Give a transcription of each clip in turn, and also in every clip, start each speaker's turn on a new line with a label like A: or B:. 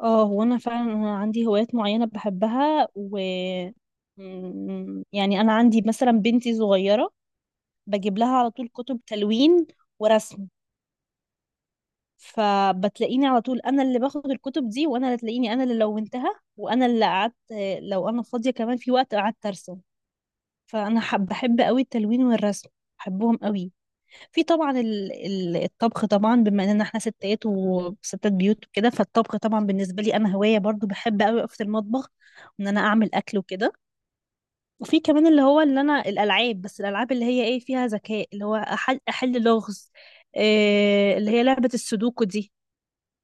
A: اه هو انا فعلا انا عندي هوايات معينة بحبها و يعني انا عندي مثلا بنتي صغيرة. بجيب لها على طول كتب تلوين ورسم. فبتلاقيني على طول انا اللي باخد الكتب دي، وانا اللي تلاقيني انا اللي لونتها، وانا اللي قعدت. لو انا فاضية كمان في وقت قعدت ارسم. فانا بحب قوي التلوين والرسم، بحبهم قوي. في طبعا الطبخ، طبعا بما اننا احنا ستات وستات بيوت وكده، فالطبخ طبعا بالنسبه لي انا هوايه برضو، بحب قوي اقف في المطبخ، وان انا اعمل اكل وكده. وفي كمان اللي هو اللي انا الالعاب، بس الالعاب اللي هي ايه فيها ذكاء، اللي هو أحل لغز، إيه اللي هي لعبه السودوكو دي،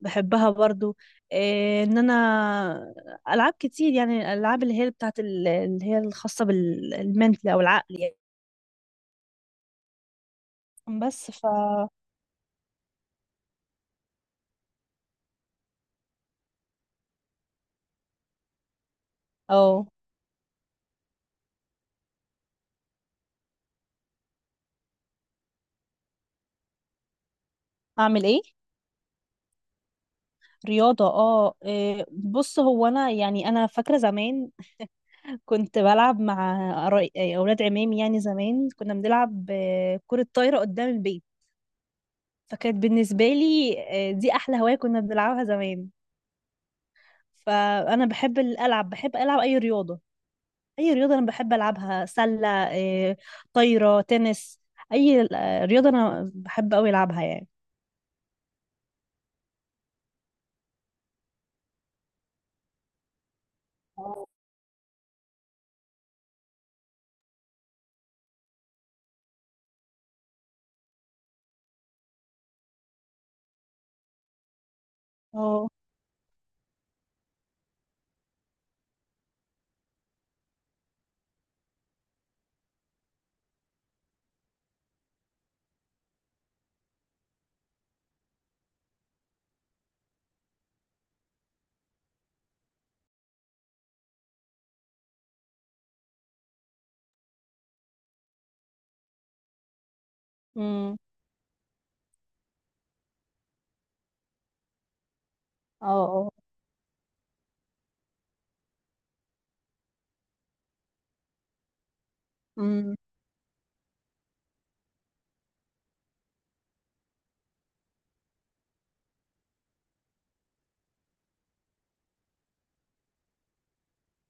A: بحبها برضو. إيه ان انا العاب كتير، يعني الالعاب اللي هي بتاعت اللي هي الخاصه بالمنتل او العقل يعني. بس ف او اعمل ايه رياضة؟ اه إيه، بص هو انا يعني انا فاكرة زمان كنت بلعب مع إيه، اولاد عمامي. يعني زمان كنا بنلعب كرة طايرة قدام البيت. فكانت بالنسبة لي دي احلى هواية كنا بنلعبها زمان. فانا بحب العب، بحب العب اي رياضة. اي رياضة انا بحب العبها، سلة، طايرة، تنس، اي رياضة انا بحب اوي العبها يعني. اه. امم اه اه. امم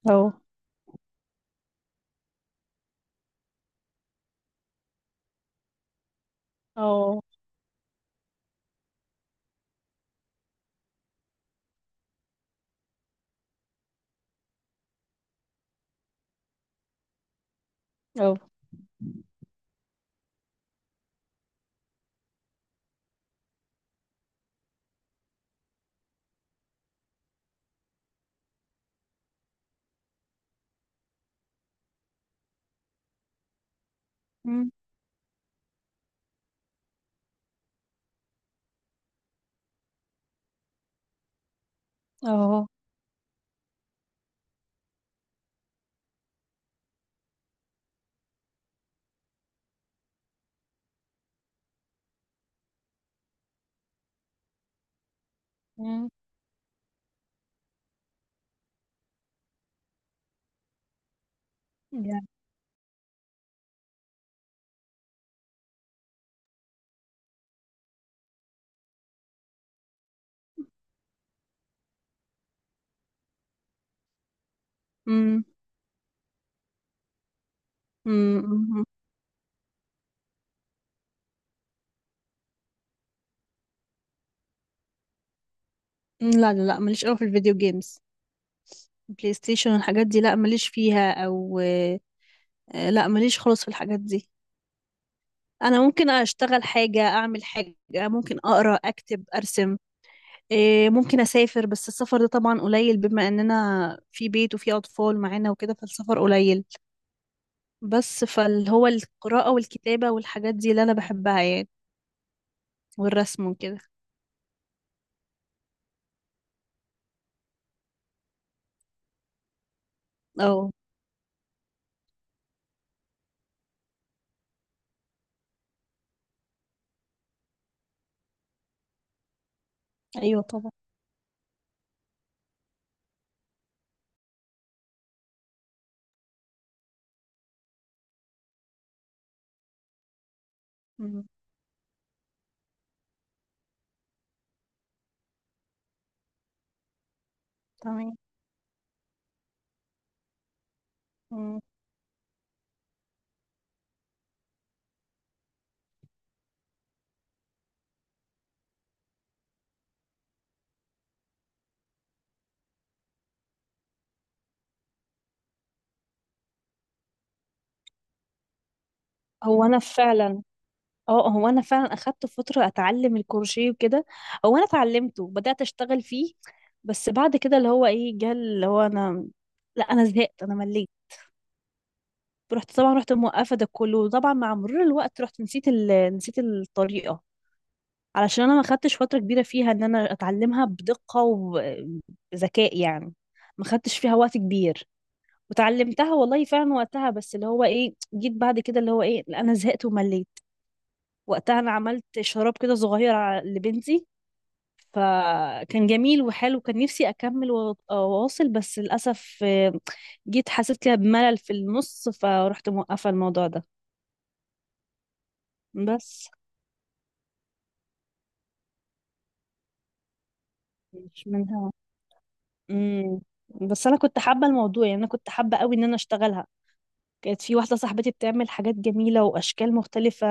A: اه اه اه. امم اه يعني. امم. امم. لا لا لا، ماليش قوي في الفيديو جيمز، بلاي ستيشن والحاجات دي. لا ماليش فيها. او لا ماليش خالص في الحاجات دي. انا ممكن اشتغل حاجه، اعمل حاجه، ممكن اقرا، اكتب، ارسم. ممكن اسافر، بس السفر ده طبعا قليل بما اننا في بيت وفي اطفال معانا وكده، فالسفر قليل. بس فاللي هو القراءه والكتابه والحاجات دي اللي انا بحبها يعني، والرسم وكده. اه ايوه طبعا. مم. تمام. مم. هو انا فعلا اه، هو انا فعلا اخدت فتره اتعلم الكروشيه وكده. هو انا اتعلمته وبدات اشتغل فيه. بس بعد كده اللي هو ايه جه اللي هو انا، لا انا زهقت، انا مليت. رحت طبعا رحت موقفه ده كله، وطبعا مع مرور الوقت رحت نسيت ال... نسيت الطريقه. علشان انا ما خدتش فتره كبيره فيها ان انا اتعلمها بدقه وبذكاء يعني، ما خدتش فيها وقت كبير. وتعلمتها والله فعلا وقتها، بس اللي هو ايه جيت بعد كده اللي هو ايه لا انا زهقت ومليت. وقتها انا عملت شراب كده صغير لبنتي، فكان جميل وحلو. كان نفسي اكمل واواصل، بس للاسف جيت حسيت كده بملل في النص، فروحت موقفه الموضوع ده. بس مش منها. امم. بس انا كنت حابه الموضوع، يعني انا كنت حابه قوي ان انا اشتغلها. كانت في واحده صاحبتي بتعمل حاجات جميله واشكال مختلفه،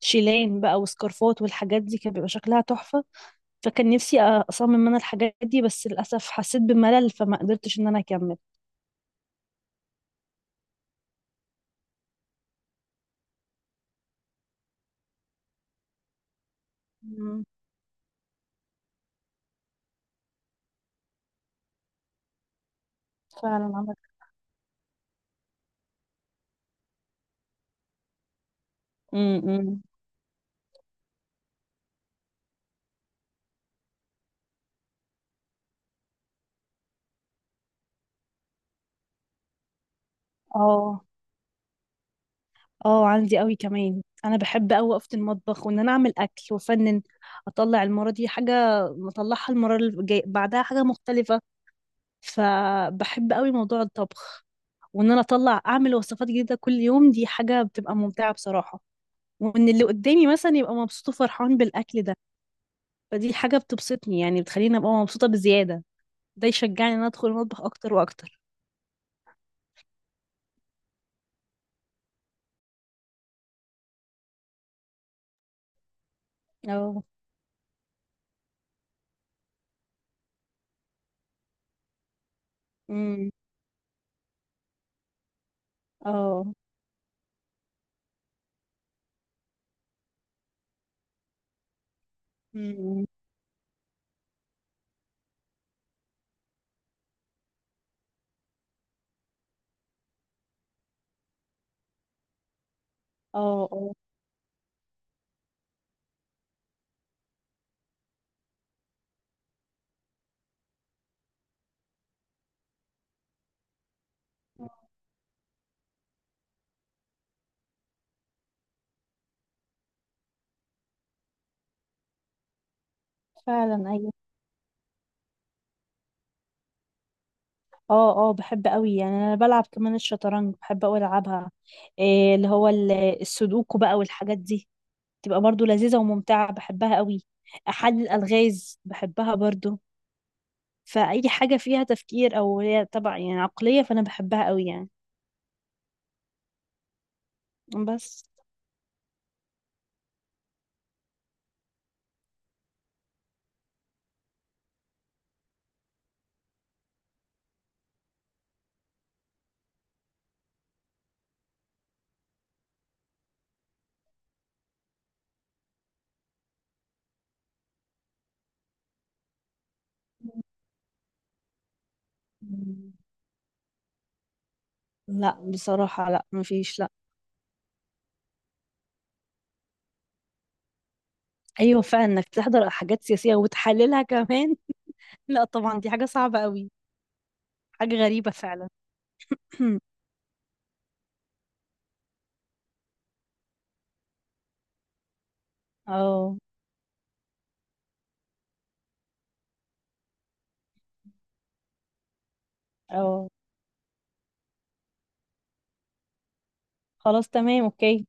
A: شيلان بقى وسكارفات والحاجات دي كان بيبقى شكلها تحفه. فكان نفسي اصمم انا الحاجات دي، بس للاسف حسيت بملل فما قدرتش ان انا اكمل. مم. فعلا عندك. امم. اه اه، عندي قوي كمان، انا بحب قوي اقف في المطبخ وان انا اعمل اكل وافنن. اطلع المره دي حاجه، مطلعها المره اللي جاي بعدها حاجه مختلفه. فبحب قوي موضوع الطبخ، وان انا اطلع اعمل وصفات جديده كل يوم، دي حاجه بتبقى ممتعه بصراحه. وان اللي قدامي مثلا يبقى مبسوط وفرحان بالاكل ده، فدي حاجه بتبسطني، يعني بتخليني ابقى مبسوطه بزياده. ده يشجعني ان انا ادخل المطبخ اكتر واكتر. اه. امم. اه. امم. اه اه فعلا أيوة. اه اه، بحب قوي يعني، انا بلعب كمان الشطرنج، بحب قوي العبها. إيه اللي هو السودوكو بقى والحاجات دي، تبقى برضو لذيذة وممتعة، بحبها قوي. حل الألغاز بحبها برضو. فأي حاجة فيها تفكير او هي طبعا يعني عقلية، فانا بحبها قوي يعني. بس. مم. لا بصراحة، لا مفيش، لا. ايوه فعلا، انك تحضر حاجات سياسية وتحللها كمان لا طبعا دي حاجة صعبة قوي. حاجة غريبة فعلا. اه اه، خلاص تمام اوكي.